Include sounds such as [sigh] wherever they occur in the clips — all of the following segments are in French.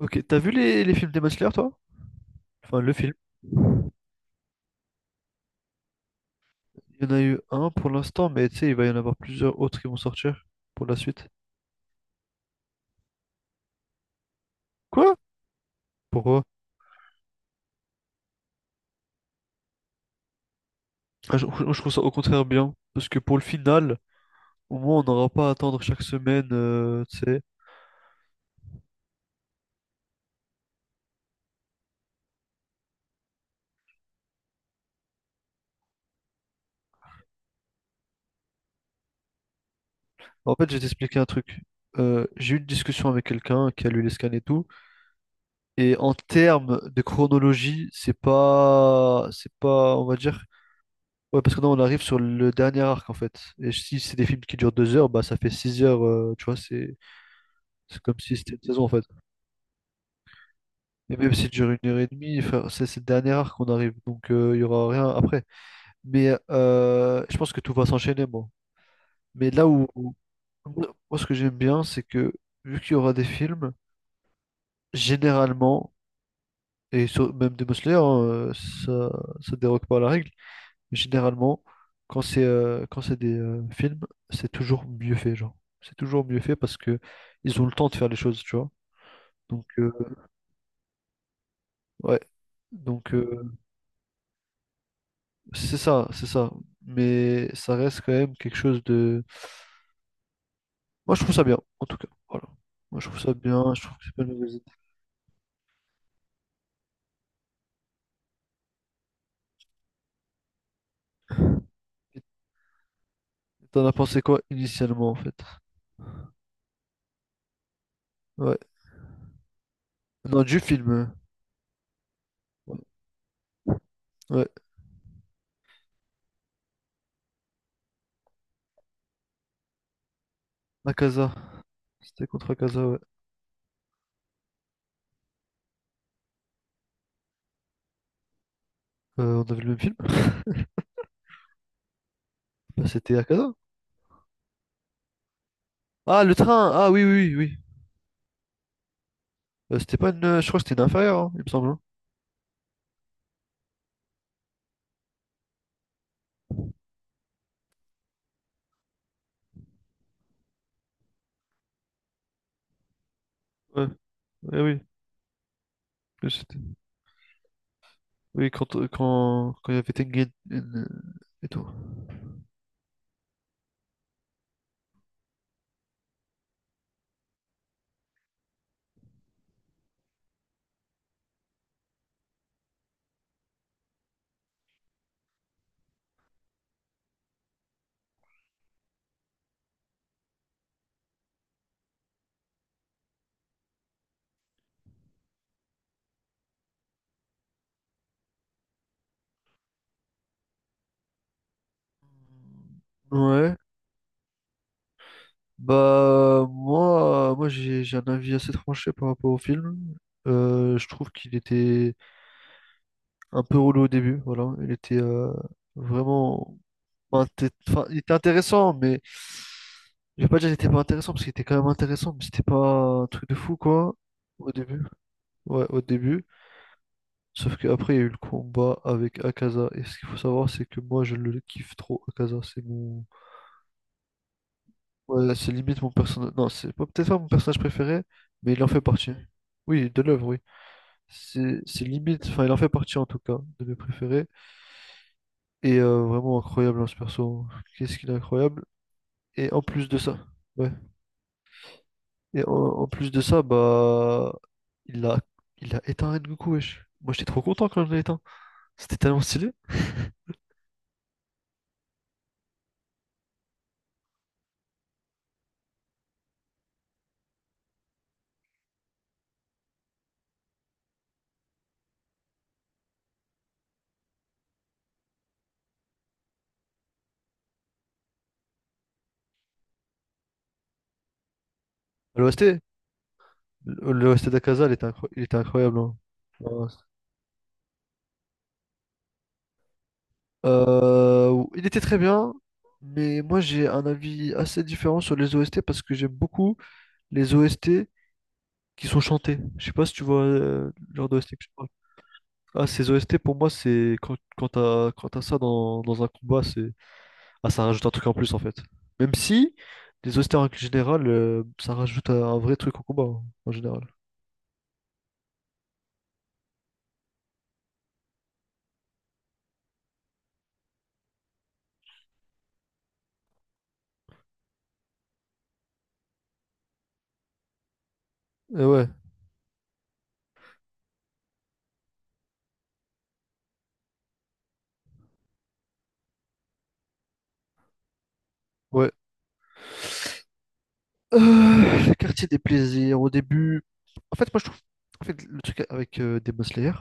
Ok, t'as vu les films Demon Slayer, toi? Enfin, le film. Il y en a eu un pour l'instant, mais tu sais, il va y en avoir plusieurs autres qui vont sortir pour la suite. Quoi? Pourquoi? Ah, je trouve ça au contraire bien, parce que pour le final, au moins, on n'aura pas à attendre chaque semaine, tu sais. En fait, je vais t'expliquer un truc. J'ai eu une discussion avec quelqu'un qui a lu les scans et tout, et en termes de chronologie, c'est pas, on va dire. Ouais, parce que non, on arrive sur le dernier arc en fait. Et si c'est des films qui durent deux heures, bah ça fait six heures, tu vois, c'est comme si c'était une saison en fait. Et même s'il dure une heure et demie, enfin, c'est le dernier arc qu'on arrive, donc il y aura rien après. Mais je pense que tout va s'enchaîner, moi. Mais moi ce que j'aime bien, c'est que vu qu'il y aura des films, généralement, et même des Slayer, hein, ça ça dérogue pas à la règle. Mais généralement, quand c'est des films, c'est toujours mieux fait, genre. C'est toujours mieux fait parce que ils ont le temps de faire les choses, tu vois. Donc ouais. Donc c'est ça, c'est ça. Mais ça reste quand même quelque chose de. Moi je trouve ça bien, en tout cas. Voilà. Moi je trouve ça bien, je trouve que c'est pas une mauvaise idée. T'en as pensé quoi initialement en fait? Ouais. Non, du film. Ouais. Ouais. La Casa. C'était contre Akaza, ouais. On avait le même film? Bah, c'était Akaza. Ah, le train! Ah oui, oui, oui, oui. C'était pas une. Je crois que c'était une inférieure, hein, il me semble, hein. Ouais, eh oui. Mais c'était- Oui, quand il y avait Tengen et tout. Ouais. Bah, moi j'ai un avis assez tranché par rapport au film. Je trouve qu'il était un peu relou au début, voilà. Il était vraiment. Enfin, enfin, il était intéressant, mais je vais pas dire qu'il était pas intéressant parce qu'il était quand même intéressant, mais c'était pas un truc de fou quoi au début. Ouais, au début. Sauf qu'après, il y a eu le combat avec Akaza. Et ce qu'il faut savoir, c'est que moi, je le kiffe trop, Akaza. C'est mon. Ouais, c'est limite mon personnage. Non, c'est pas peut-être pas mon personnage préféré, mais il en fait partie. Oui, de l'œuvre, oui. C'est limite. Enfin, il en fait partie en tout cas, de mes préférés. Et vraiment incroyable, hein, ce perso, hein. Qu'est-ce qu'il est incroyable. Et en plus de ça. Ouais. Et en plus de ça, bah, il a, il a éteint Rengoku, wesh. Moi, j'étais trop content quand je l'ai éteint. C'était tellement stylé. L'OST, L'OST d'Akaza, il était, il était incroyable, hein. Ouais. Il était très bien, mais moi, j'ai un avis assez différent sur les OST parce que j'aime beaucoup les OST qui sont chantés. Je sais pas si tu vois le genre d'OST que je parle. Ah, ces OST, pour moi, c'est quand t'as ça dans un combat, c'est. Ah, ça rajoute un truc en plus en fait. Même si, les austères en général, ça rajoute un vrai truc au combat, hein, en général. Et ouais, ouais. Euh, le quartier des plaisirs, au début. En fait, moi je trouve. En fait, le truc avec Demon Slayer,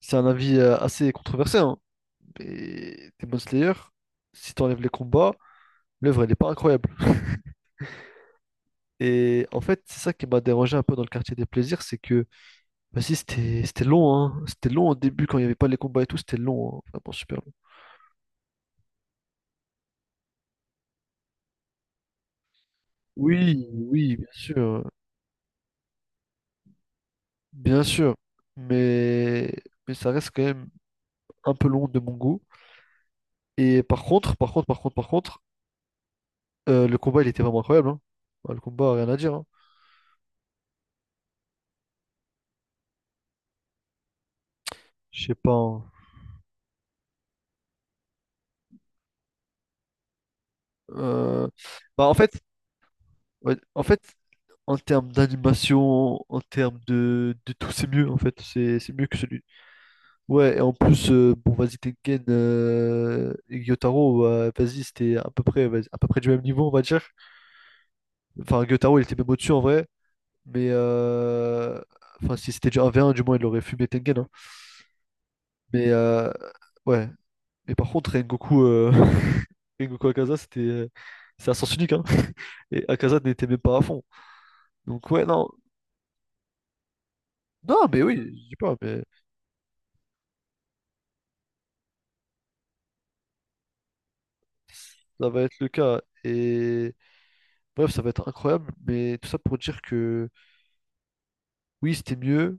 c'est un avis assez controversé, hein. Mais Demon Slayer, si t'enlèves les combats, l'œuvre elle est pas incroyable. Et en fait, c'est ça qui m'a dérangé un peu dans le quartier des plaisirs, c'est que, vas-y, c'était long, hein. C'était long au début quand il n'y avait pas les combats et tout, c'était long, hein. Vraiment super long. Oui, oui, bien sûr, mais, mais ça reste quand même un peu long de mon goût. Et par contre, le combat, il était vraiment incroyable, hein. Bah, le combat, rien à dire, hein. Je sais pas, hein. Euh, Bah, en fait, ouais, en fait, en termes d'animation, en termes de tout, c'est mieux, en fait, c'est mieux que celui. Ouais, et en plus, bon, vas-y, Tengen et Gyotaro, bah, vas-y, c'était à peu près, vas-y, à peu près du même niveau, on va dire. Enfin, Gyotaro, il était même au-dessus, en vrai. Mais enfin, si c'était déjà un v 1 du moins il aurait fumé Tengen, hein. Mais ouais. Mais par contre, Rengoku, [laughs] Rengoku Akaza, c'est à sens unique. Hein. Et Akaza n'était même pas à fond. Donc ouais, non. Non, mais oui, je dis pas, mais ça va être le cas. Et bref, ça va être incroyable. Mais tout ça pour dire que oui, c'était mieux.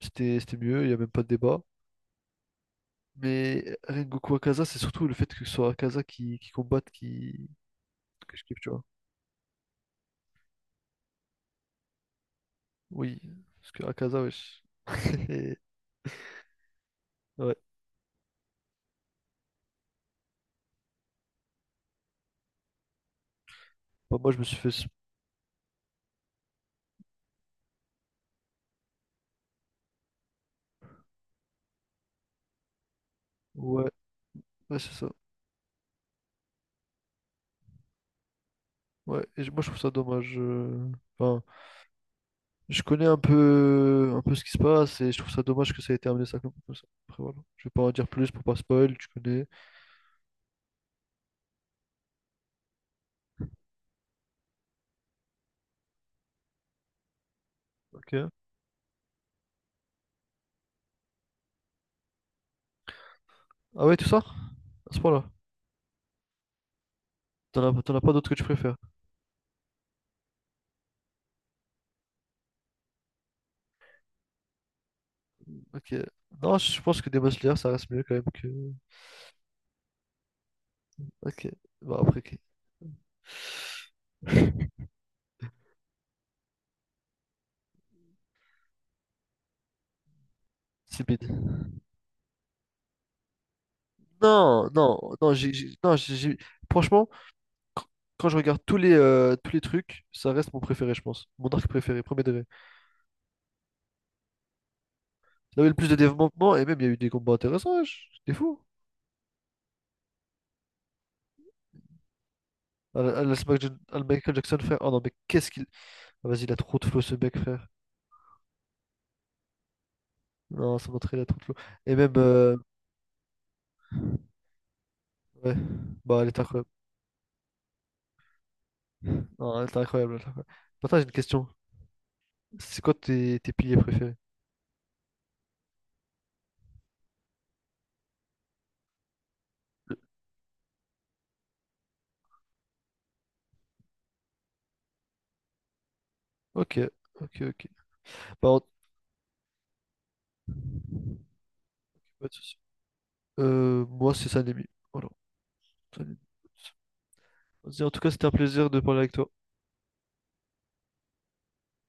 C'était mieux, il n'y a même pas de débat. Mais Rengoku Akaza, c'est surtout le fait que ce soit Akaza qui combatte, qui... que je kiffe, tu vois. Oui, parce que Akaza, wesh. [laughs] Et ouais. Bah, moi, je me suis fait. Ouais, ouais, c'est ça. Ouais, et moi, je trouve ça dommage. Enfin, je connais un peu ce qui se passe et je trouve ça dommage que ça ait été amené ça comme ça. Après, voilà. Je vais pas en dire plus pour pas spoil, tu connais. Ok. Ah ouais, tout ça? À ce point-là. T'en as pas d'autres que tu préfères. Ok. Non, je pense que Demon Slayer, ça reste mieux quand même que. Ok. Bah, après, ok. [laughs] C'est bide. Non, non, non, non, franchement. quand quand je regarde tous tous les trucs, ça reste mon préféré, je pense. Mon arc préféré, premier degré. Il y avait le plus de développement et même il y a eu des combats intéressants, wesh. T'es fou. Ah, ah, laisse le Michael Jackson, frère. Oh non, mais qu'est-ce qu'il. Ah, vas-y, il a trop de flow, ce mec, frère. Non, ça montrait, il a trop de flow. Et même. Ouais. Bah, elle est incroyable. Non, elle est incroyable. Elle est incroyable. Maintenant, j'ai une question. C'est quoi tes piliers préférés? Ok, ok, ok. Bah, pas de souci. Moi, c'est Sanemi. Voilà. Sanemi. Vas-y, en tout cas, c'était un plaisir de parler avec toi.